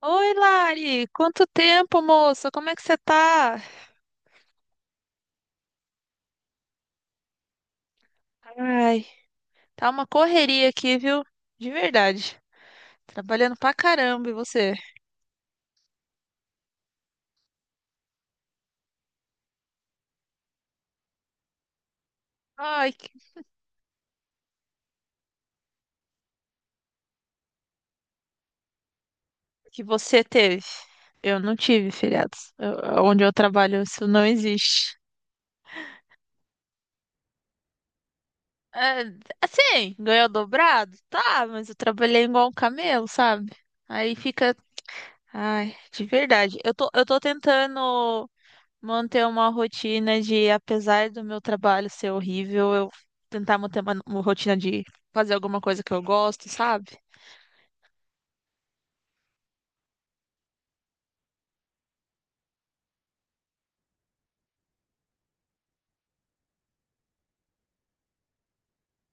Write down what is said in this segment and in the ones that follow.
Oi, Lari! Quanto tempo, moça? Como é que você tá? Ai, tá uma correria aqui, viu? De verdade. Trabalhando pra caramba, e você? Ai, que, que você teve? Eu não tive feriados. Onde eu trabalho, isso não existe. É, assim, ganhou dobrado? Tá, mas eu trabalhei igual um camelo, sabe? Aí fica. Ai, de verdade. Eu tô tentando. Manter uma rotina de, apesar do meu trabalho ser horrível, eu tentar manter uma rotina de fazer alguma coisa que eu gosto, sabe?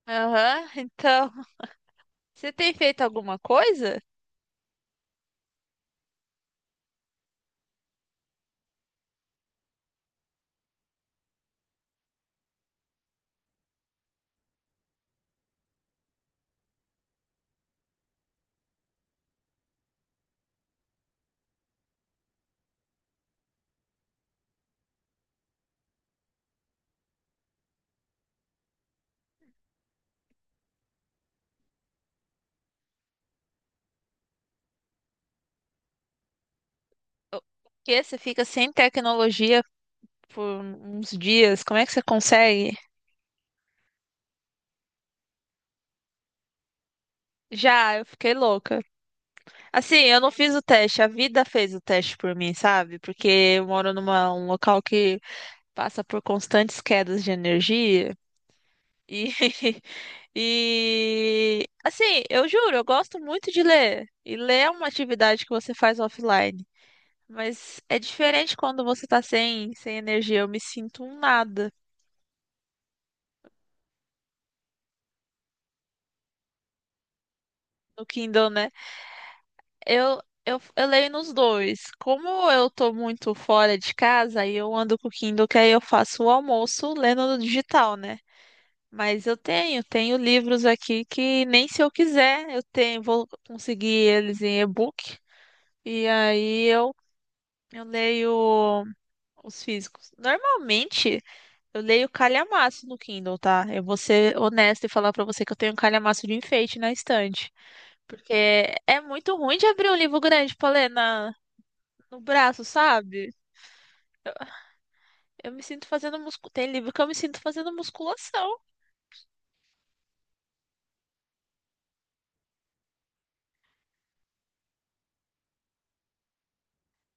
Aham, então, você tem feito alguma coisa? O- Porque você fica sem tecnologia por uns dias, como é que você consegue? Já, eu fiquei louca. Assim, eu não fiz o teste, a vida fez o teste por mim, sabe? Porque eu moro numa um local que passa por constantes quedas de energia. E, e assim, eu juro, eu gosto muito de ler. E ler é uma atividade que você faz offline. Mas é diferente quando você tá sem energia. Eu me sinto um nada no Kindle, né? Eu leio nos dois. Como eu tô muito fora de casa, aí eu ando com o Kindle, que aí eu faço o almoço lendo no digital, né? Mas eu tenho livros aqui que nem se eu quiser, eu tenho, vou conseguir eles em e-book. E aí eu leio os físicos. Normalmente, eu leio calhamaço no Kindle, tá? Eu vou ser honesta e falar pra você que eu tenho um calhamaço de enfeite na estante. Porque é muito ruim de abrir um livro grande pra ler no braço, sabe? Eu me sinto fazendo musculação. Tem livro que eu me sinto fazendo musculação.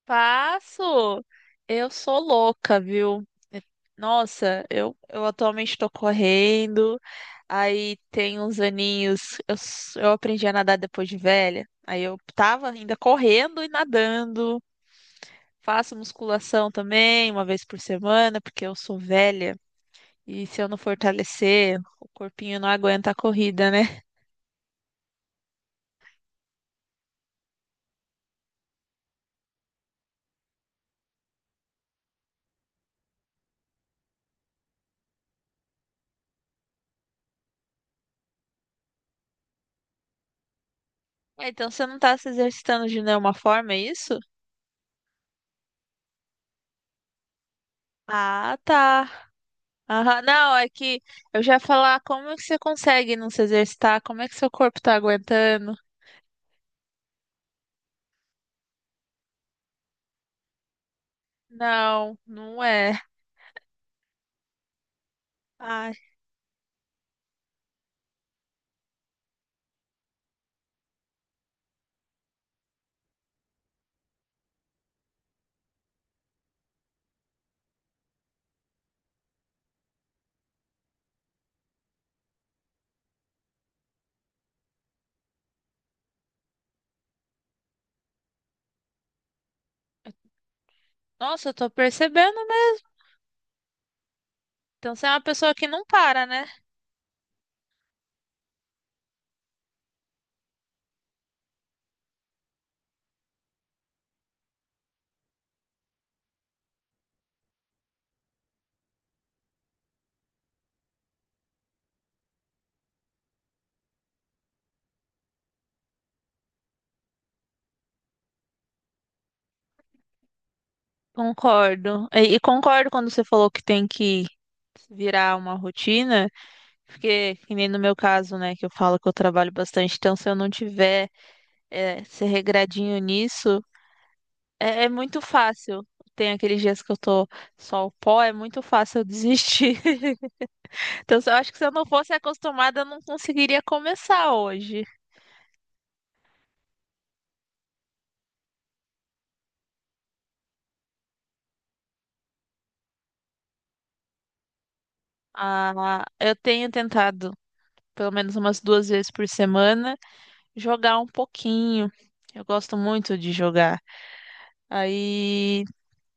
Passo, eu sou louca, viu? É- Nossa, eu atualmente estou correndo. Aí tem uns aninhos. Eu aprendi a nadar depois de velha. Aí eu tava ainda correndo e nadando. Faço musculação também, uma vez por semana, porque eu sou velha. E se eu não fortalecer, o corpinho não aguenta a corrida, né? Ah, então você não tá se exercitando de nenhuma forma, é isso? Ah, tá. Aham, não, é que eu já ia falar como é que você consegue não se exercitar, como é que seu corpo tá aguentando. Não, não é. Ai, nossa, eu tô percebendo mesmo. Então você é uma pessoa que não para, né? Concordo. E concordo quando você falou que tem que virar uma rotina, porque que nem no meu caso, né, que eu falo que eu trabalho bastante, então se eu não tiver é, ser regradinho nisso, é, é muito fácil. Tem aqueles dias que eu tô só o pó, é muito fácil eu desistir. Então, eu acho que se eu não fosse acostumada, eu não conseguiria começar hoje. Ah, eu tenho tentado, pelo menos umas duas vezes por semana, jogar um pouquinho. Eu gosto muito de jogar. Aí,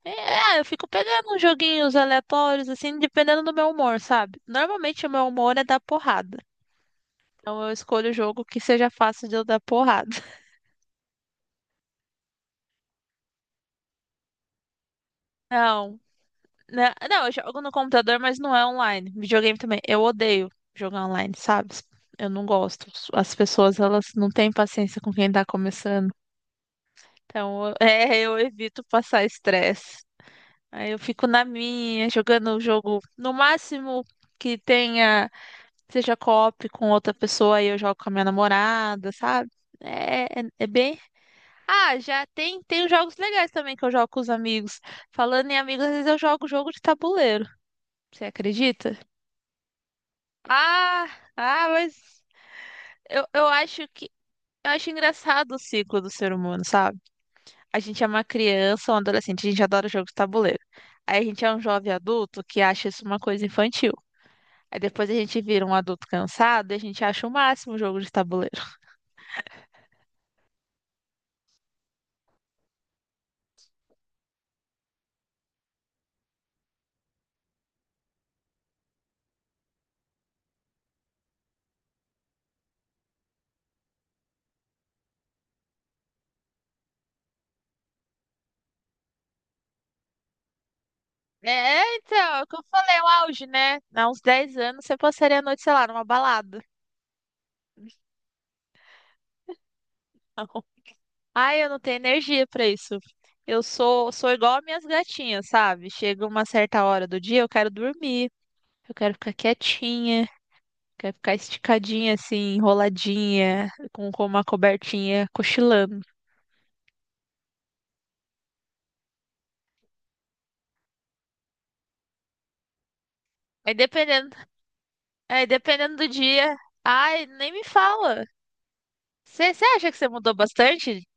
é, ah, eu fico pegando uns joguinhos aleatórios, assim, dependendo do meu humor, sabe? Normalmente o meu humor é dar porrada. Então eu escolho o jogo que seja fácil de eu dar porrada. Não, né, não, eu jogo no computador, mas não é online. Videogame também. Eu odeio jogar online, sabe? Eu não gosto. As pessoas, elas não têm paciência com quem tá começando. Então, eu evito passar estresse. Aí eu fico na minha, jogando o jogo. No máximo que tenha, seja co-op com outra pessoa, aí eu jogo com a minha namorada, sabe? É bem. Ah, já tem os jogos legais também que eu jogo com os amigos. Falando em amigos, às vezes eu jogo jogo de tabuleiro. Você acredita? Ah, mas eu acho que eu acho engraçado o ciclo do ser humano, sabe? A gente é uma criança, um adolescente, a gente adora jogo de tabuleiro. Aí a gente é um jovem adulto que acha isso uma coisa infantil. Aí depois a gente vira um adulto cansado e a gente acha o máximo o jogo de tabuleiro. É, então, é o que eu falei, o auge, né? Há uns 10 anos você passaria a noite, sei lá, numa balada. Ai, eu não tenho energia pra isso. Eu sou igual as minhas gatinhas, sabe? Chega uma certa hora do dia, eu quero dormir. Eu quero ficar quietinha, quero ficar esticadinha, assim, enroladinha, com uma cobertinha, cochilando. Aí dependendo, aí dependendo do dia, ai, nem me fala. Você acha que você mudou bastante?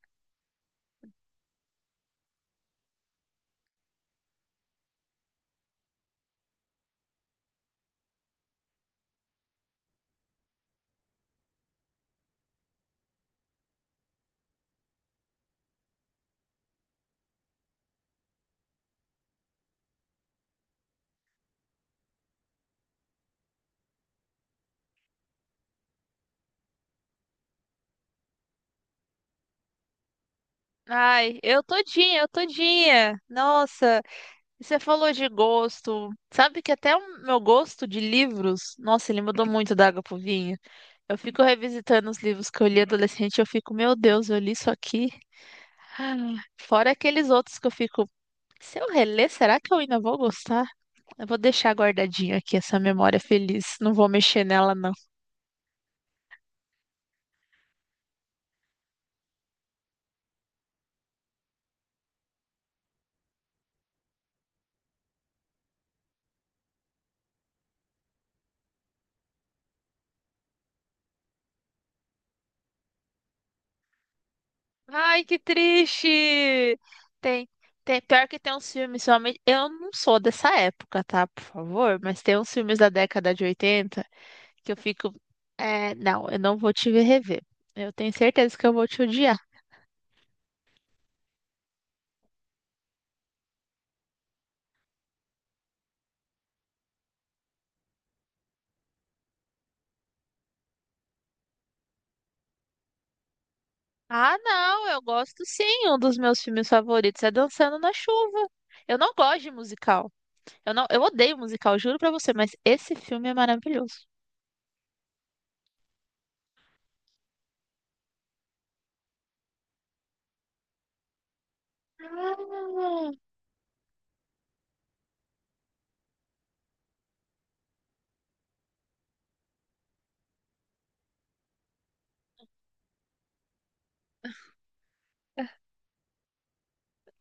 Ai, eu todinha. Nossa, e você falou de gosto. Sabe que até o meu gosto de livros, nossa, ele mudou muito da água pro vinho. Eu fico revisitando os livros que eu li adolescente, eu fico, meu Deus, eu li isso aqui. Ah, fora aqueles outros que eu fico, se eu reler, será que eu ainda vou gostar? Eu vou deixar guardadinho aqui essa memória feliz, não vou mexer nela não. Ai, que triste! Tem, Pior que tem uns filmes, somente, eu não sou dessa época, tá? Por favor, mas tem uns filmes da década de 80 que eu fico, é, não, eu não vou te ver rever. Eu tenho certeza que eu vou te odiar. Ah, não, eu gosto sim. Um dos meus filmes favoritos é Dançando na Chuva. Eu não gosto de musical. Eu não, eu odeio musical, juro pra você, mas esse filme é maravilhoso. Ah,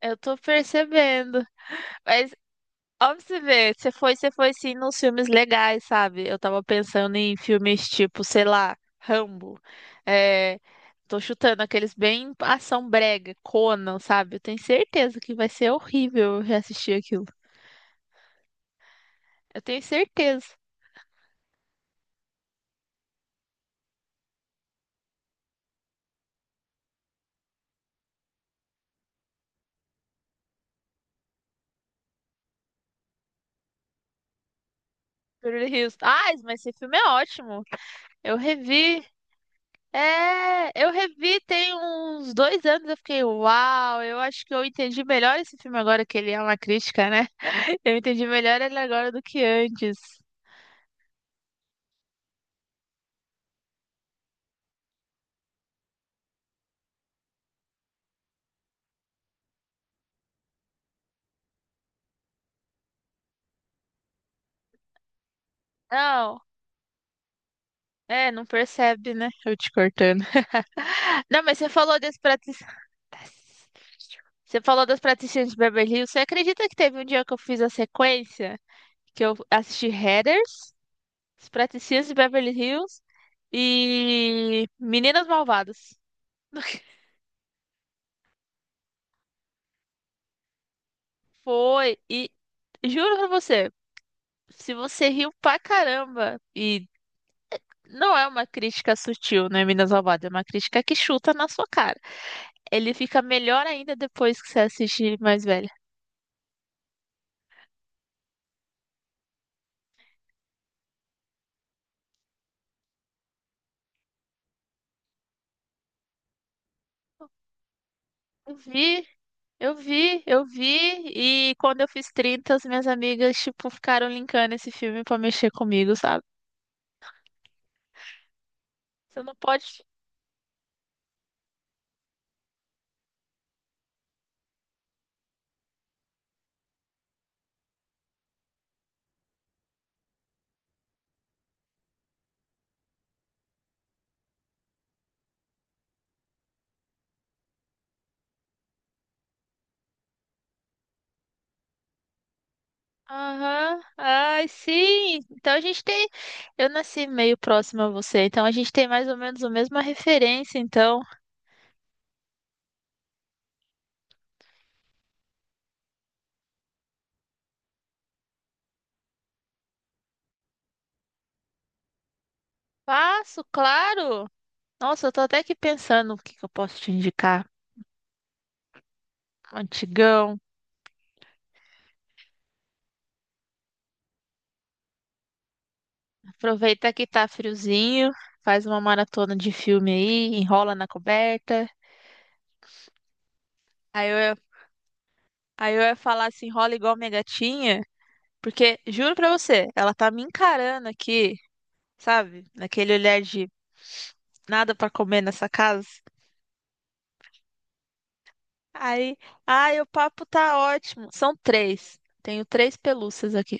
eu tô percebendo. Mas, ó, pra você ver, você foi sim nos filmes legais, sabe? Eu tava pensando em filmes tipo, sei lá, Rambo. É, tô chutando aqueles bem ação brega, Conan, sabe? Eu tenho certeza que vai ser horrível reassistir aquilo. Eu tenho certeza. Beverly Hills. Ah, mas esse filme é ótimo. Eu revi. É, eu revi tem uns dois anos. Eu fiquei, uau, eu acho que eu entendi melhor esse filme agora, que ele é uma crítica, né? Eu entendi melhor ele agora do que antes. Não, é, não percebe, né? Eu te cortando. Não, mas você falou das praticidades. Você falou das praticidades de Beverly Hills. Você acredita que teve um dia que eu fiz a sequência? Que eu assisti Heather? Os Praticinhas de Beverly Hills e Meninas Malvadas. Foi, e juro pra você, se você riu pra caramba, e não é uma crítica sutil, né, Meninas Malvadas, é uma crítica que chuta na sua cara. Ele fica melhor ainda depois que você assiste mais velha. Eu vi, eu vi, e quando eu fiz 30, as minhas amigas, tipo, ficaram linkando esse filme pra mexer comigo, sabe? Você não pode. Aham, ai, sim. Então a gente tem. Eu nasci meio próximo a você, então a gente tem mais ou menos a mesma referência, então. Faço, claro! Nossa, eu tô até aqui pensando o que que eu posso te indicar. Antigão, aproveita que tá friozinho, faz uma maratona de filme aí, enrola na coberta. Aí eu, ia- aí eu ia falar assim, enrola igual minha gatinha, porque juro pra você, ela tá me encarando aqui, sabe? Naquele olhar de nada pra comer nessa casa. Aí, ai, o papo tá ótimo. São três. Tenho três pelúcias aqui.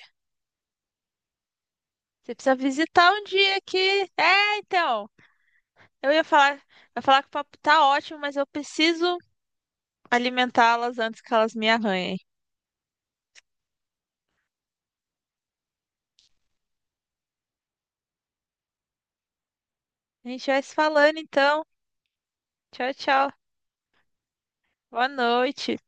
Você precisa visitar um dia aqui. É, então. Eu ia falar que o papo tá ótimo, mas eu preciso alimentá-las antes que elas me arranhem. A gente vai se falando, então. Tchau, tchau. Boa noite.